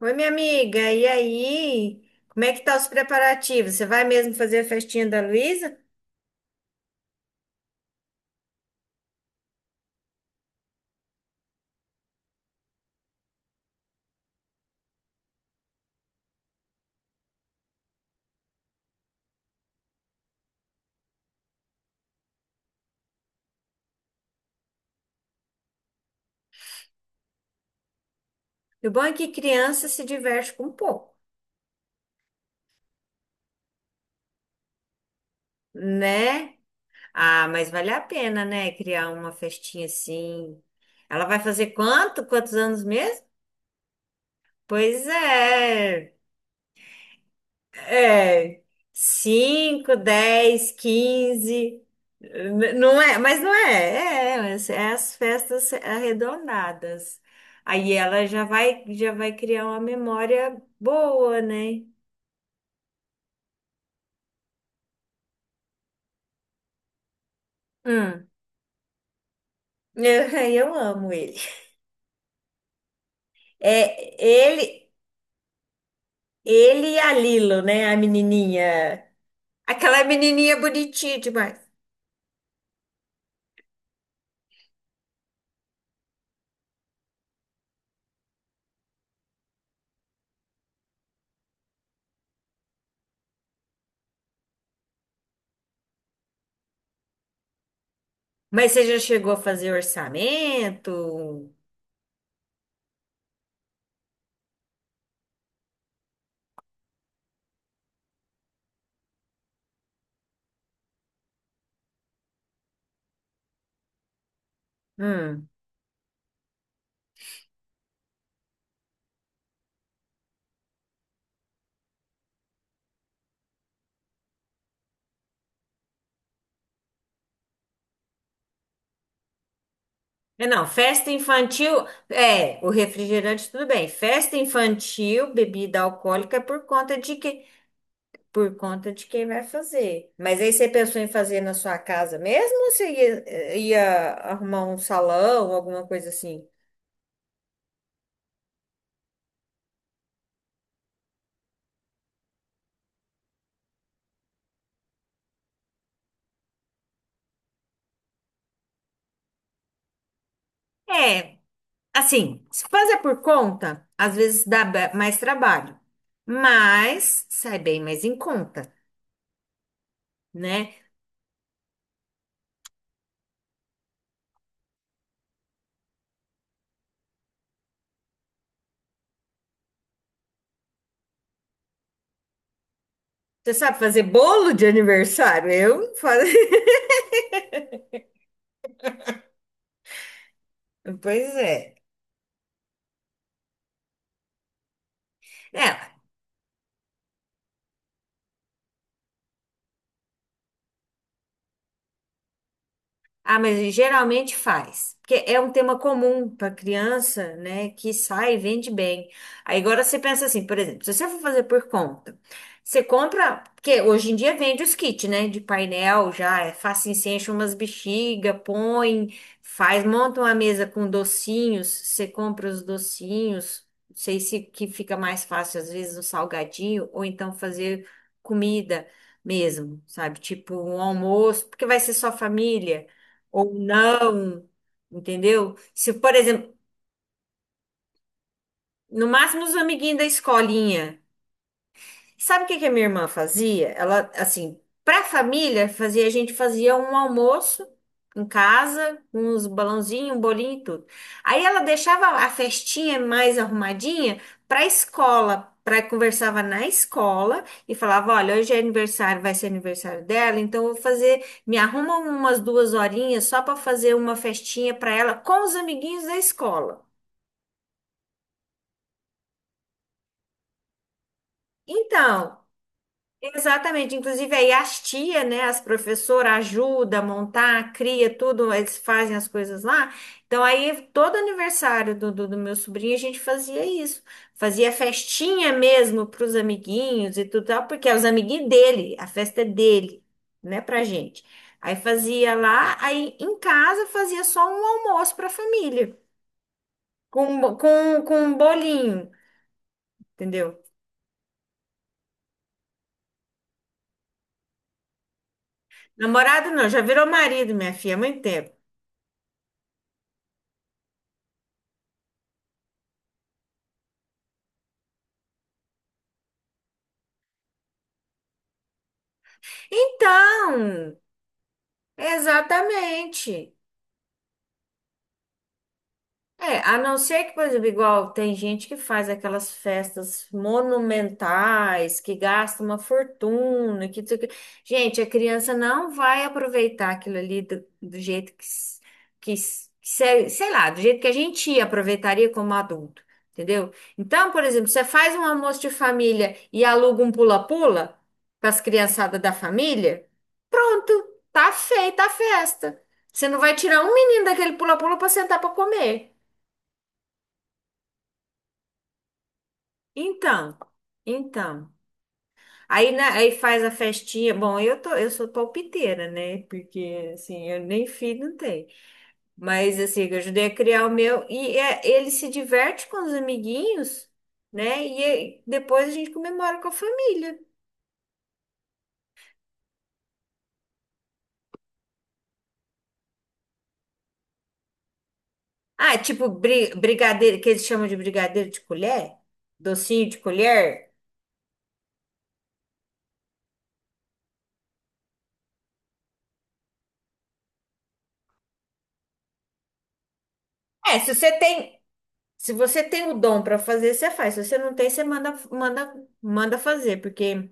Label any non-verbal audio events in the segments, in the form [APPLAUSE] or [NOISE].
Oi, minha amiga, e aí? Como é que tá os preparativos? Você vai mesmo fazer a festinha da Luísa? E o bom é que criança se diverte com pouco, né? Ah, mas vale a pena, né? Criar uma festinha assim. Ela vai fazer quanto? Quantos anos mesmo? Pois é. É, 5 10 15 não é, mas não é, é, mas é as festas arredondadas. Aí ela já vai criar uma memória boa, né? Hum, [LAUGHS] eu amo ele. É, ele, Ele e a Lilo, né? A menininha, aquela menininha bonitinha demais. Mas você já chegou a fazer orçamento? Hum. É, não, festa infantil, é, o refrigerante tudo bem. Festa infantil, bebida alcoólica é por conta de que, por conta de quem vai fazer. Mas aí você pensou em fazer na sua casa mesmo ou ia arrumar um salão, alguma coisa assim? É, assim, se fazer por conta, às vezes dá mais trabalho, mas sai bem mais em conta, né? Você sabe fazer bolo de aniversário? Eu faço. [LAUGHS] Pois é. É. Ah, mas geralmente faz. Porque é um tema comum para criança, né? Que sai e vende bem. Aí agora você pensa assim, por exemplo, se você for fazer por conta, você compra. Porque hoje em dia vende os kits, né? De painel já. É fácil, você enche umas bexiga, põe, faz, monta uma mesa com docinhos. Você compra os docinhos. Não sei se que fica mais fácil, às vezes, um salgadinho, ou então fazer comida mesmo, sabe? Tipo um almoço, porque vai ser só família ou não, entendeu? Se, por exemplo, no máximo os amiguinhos da escolinha. Sabe o que que a minha irmã fazia? Ela, assim, para a família, fazia, a gente fazia um almoço em casa, uns balãozinhos, um bolinho e tudo. Aí ela deixava a festinha mais arrumadinha para a escola. Pra, conversava na escola e falava: Olha, hoje é aniversário, vai ser aniversário dela, então eu vou fazer. Me arruma umas duas horinhas só para fazer uma festinha para ela com os amiguinhos da escola. Então, exatamente, inclusive aí as tia, né, as professoras ajudam a montar, cria tudo, eles fazem as coisas lá. Então aí todo aniversário do meu sobrinho a gente fazia isso, fazia festinha mesmo para os amiguinhos e tudo tal, porque é os amiguinhos dele, a festa é dele, né, pra gente. Aí fazia lá, aí em casa fazia só um almoço para a família, com um bolinho, entendeu? Namorado não, já virou marido, minha filha, há muito tempo. Então, exatamente. É, a não ser que, por exemplo, igual tem gente que faz aquelas festas monumentais, que gasta uma fortuna, que não sei o quê. Gente, a criança não vai aproveitar aquilo ali do jeito que, s- que, s- que se- sei lá, do jeito que a gente aproveitaria como adulto, entendeu? Então, por exemplo, você faz um almoço de família e aluga um pula-pula para as criançadas da família, pronto, tá feita a festa. Você não vai tirar um menino daquele pula-pula para sentar para comer. Então, então. Aí, né, aí faz a festinha. Bom, eu tô, eu sou palpiteira, né? Porque assim, eu nem filho não tenho. Mas assim, eu ajudei a criar o meu e é, ele se diverte com os amiguinhos, né? E aí, depois a gente comemora com a família. Ah, tipo brigadeiro, que eles chamam de brigadeiro de colher, docinho de colher. É, se você tem, se você tem o dom para fazer, você faz. Se você não tem, você manda fazer, porque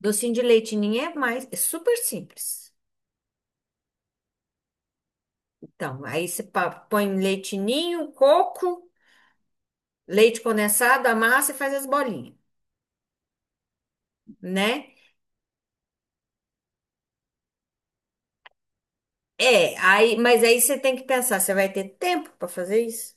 docinho de leite ninho é mais, é super simples. Então, aí você põe leite ninho, coco, leite condensado, amassa e faz as bolinhas, né? É, aí, mas aí você tem que pensar, você vai ter tempo para fazer isso?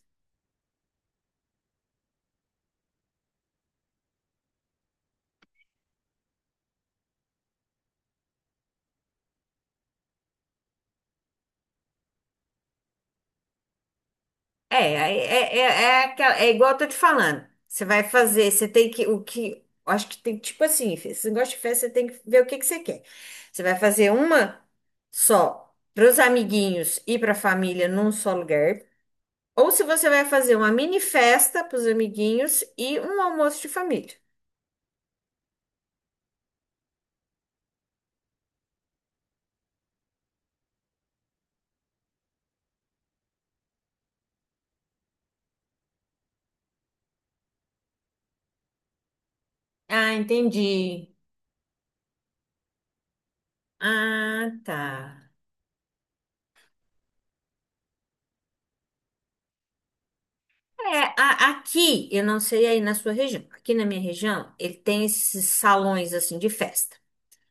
É, aí é igual eu tô te falando. Você vai fazer, você tem que, o que, acho que tem, tipo assim, esse negócio de festa, você tem que ver o que que você quer. Você vai fazer uma só para os amiguinhos e para a família num só lugar. Ou se você vai fazer uma mini festa para os amiguinhos e um almoço de família. Ah, entendi. Ah, tá. É, a- aqui, eu não sei aí na sua região. Aqui na minha região, ele tem esses salões assim de festa.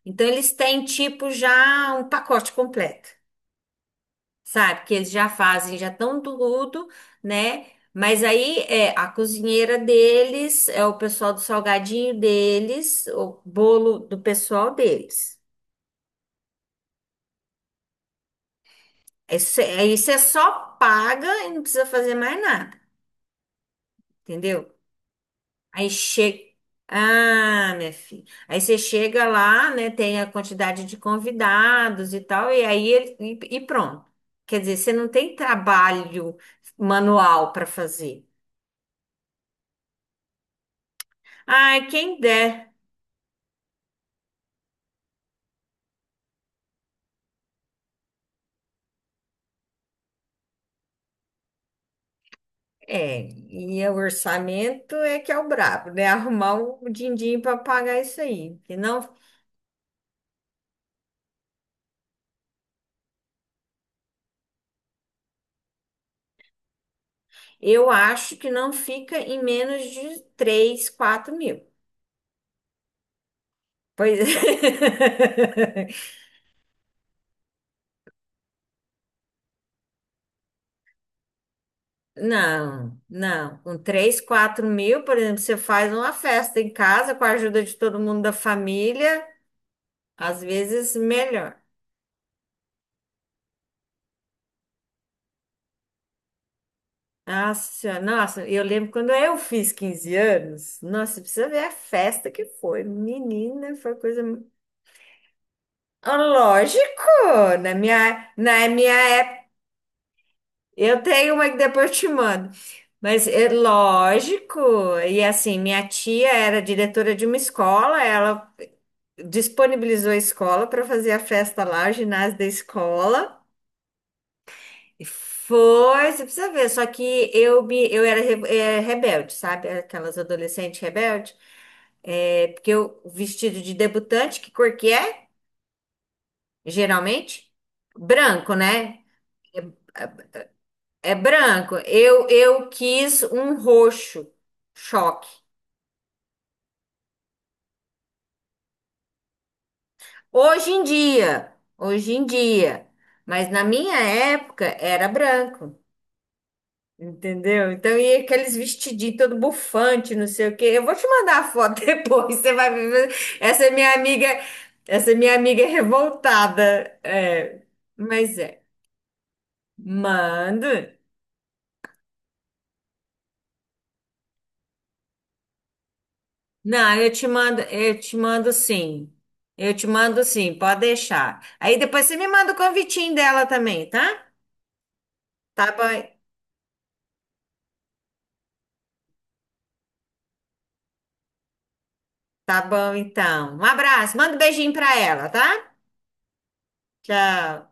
Então eles têm tipo já um pacote completo, sabe? Que eles já fazem, já estão tudo, né? Mas aí é a cozinheira deles, é o pessoal do salgadinho deles, o bolo do pessoal deles. Isso, é- aí você só paga e não precisa fazer mais nada, entendeu? Aí chega. Ah, minha filha. Aí você chega lá, né? Tem a quantidade de convidados e tal, e aí ele, e pronto. Quer dizer, você não tem trabalho manual para fazer. Ai, quem der. É, e o orçamento é que é o brabo, né? Arrumar o din-din para pagar isso aí. Que não, eu acho que não fica em menos de 3, 4 mil. Pois é. [LAUGHS] Não, não. Com 3 4 mil, por exemplo, você faz uma festa em casa com a ajuda de todo mundo da família, às vezes melhor. Nossa, Senhora, nossa, eu lembro quando eu fiz 15 anos. Nossa, você precisa ver a festa que foi. Menina, foi coisa. Ah, lógico, na minha época. Eu tenho uma que depois eu te mando. Mas é lógico, e assim, minha tia era diretora de uma escola, ela disponibilizou a escola para fazer a festa lá, o ginásio da escola. E foi, você precisa ver, só que eu era rebelde, sabe? Aquelas adolescentes rebeldes. É, porque eu, vestido de debutante, que cor que é? Geralmente? Branco, né? É branco. Eu quis um roxo. Choque. Hoje em dia, hoje em dia. Mas na minha época era branco. Entendeu? Então, e aqueles vestidinhos todo bufante, não sei o quê. Eu vou te mandar a foto [LAUGHS] depois, você vai ver. Essa é minha amiga, essa é minha amiga é revoltada. É, mas é. Mando. Não, eu te mando, eu te mando sim, pode deixar. Aí depois você me manda o convitinho dela também, tá? Tá bom, tá bom então. Um abraço, manda um beijinho pra ela, tá? Tchau.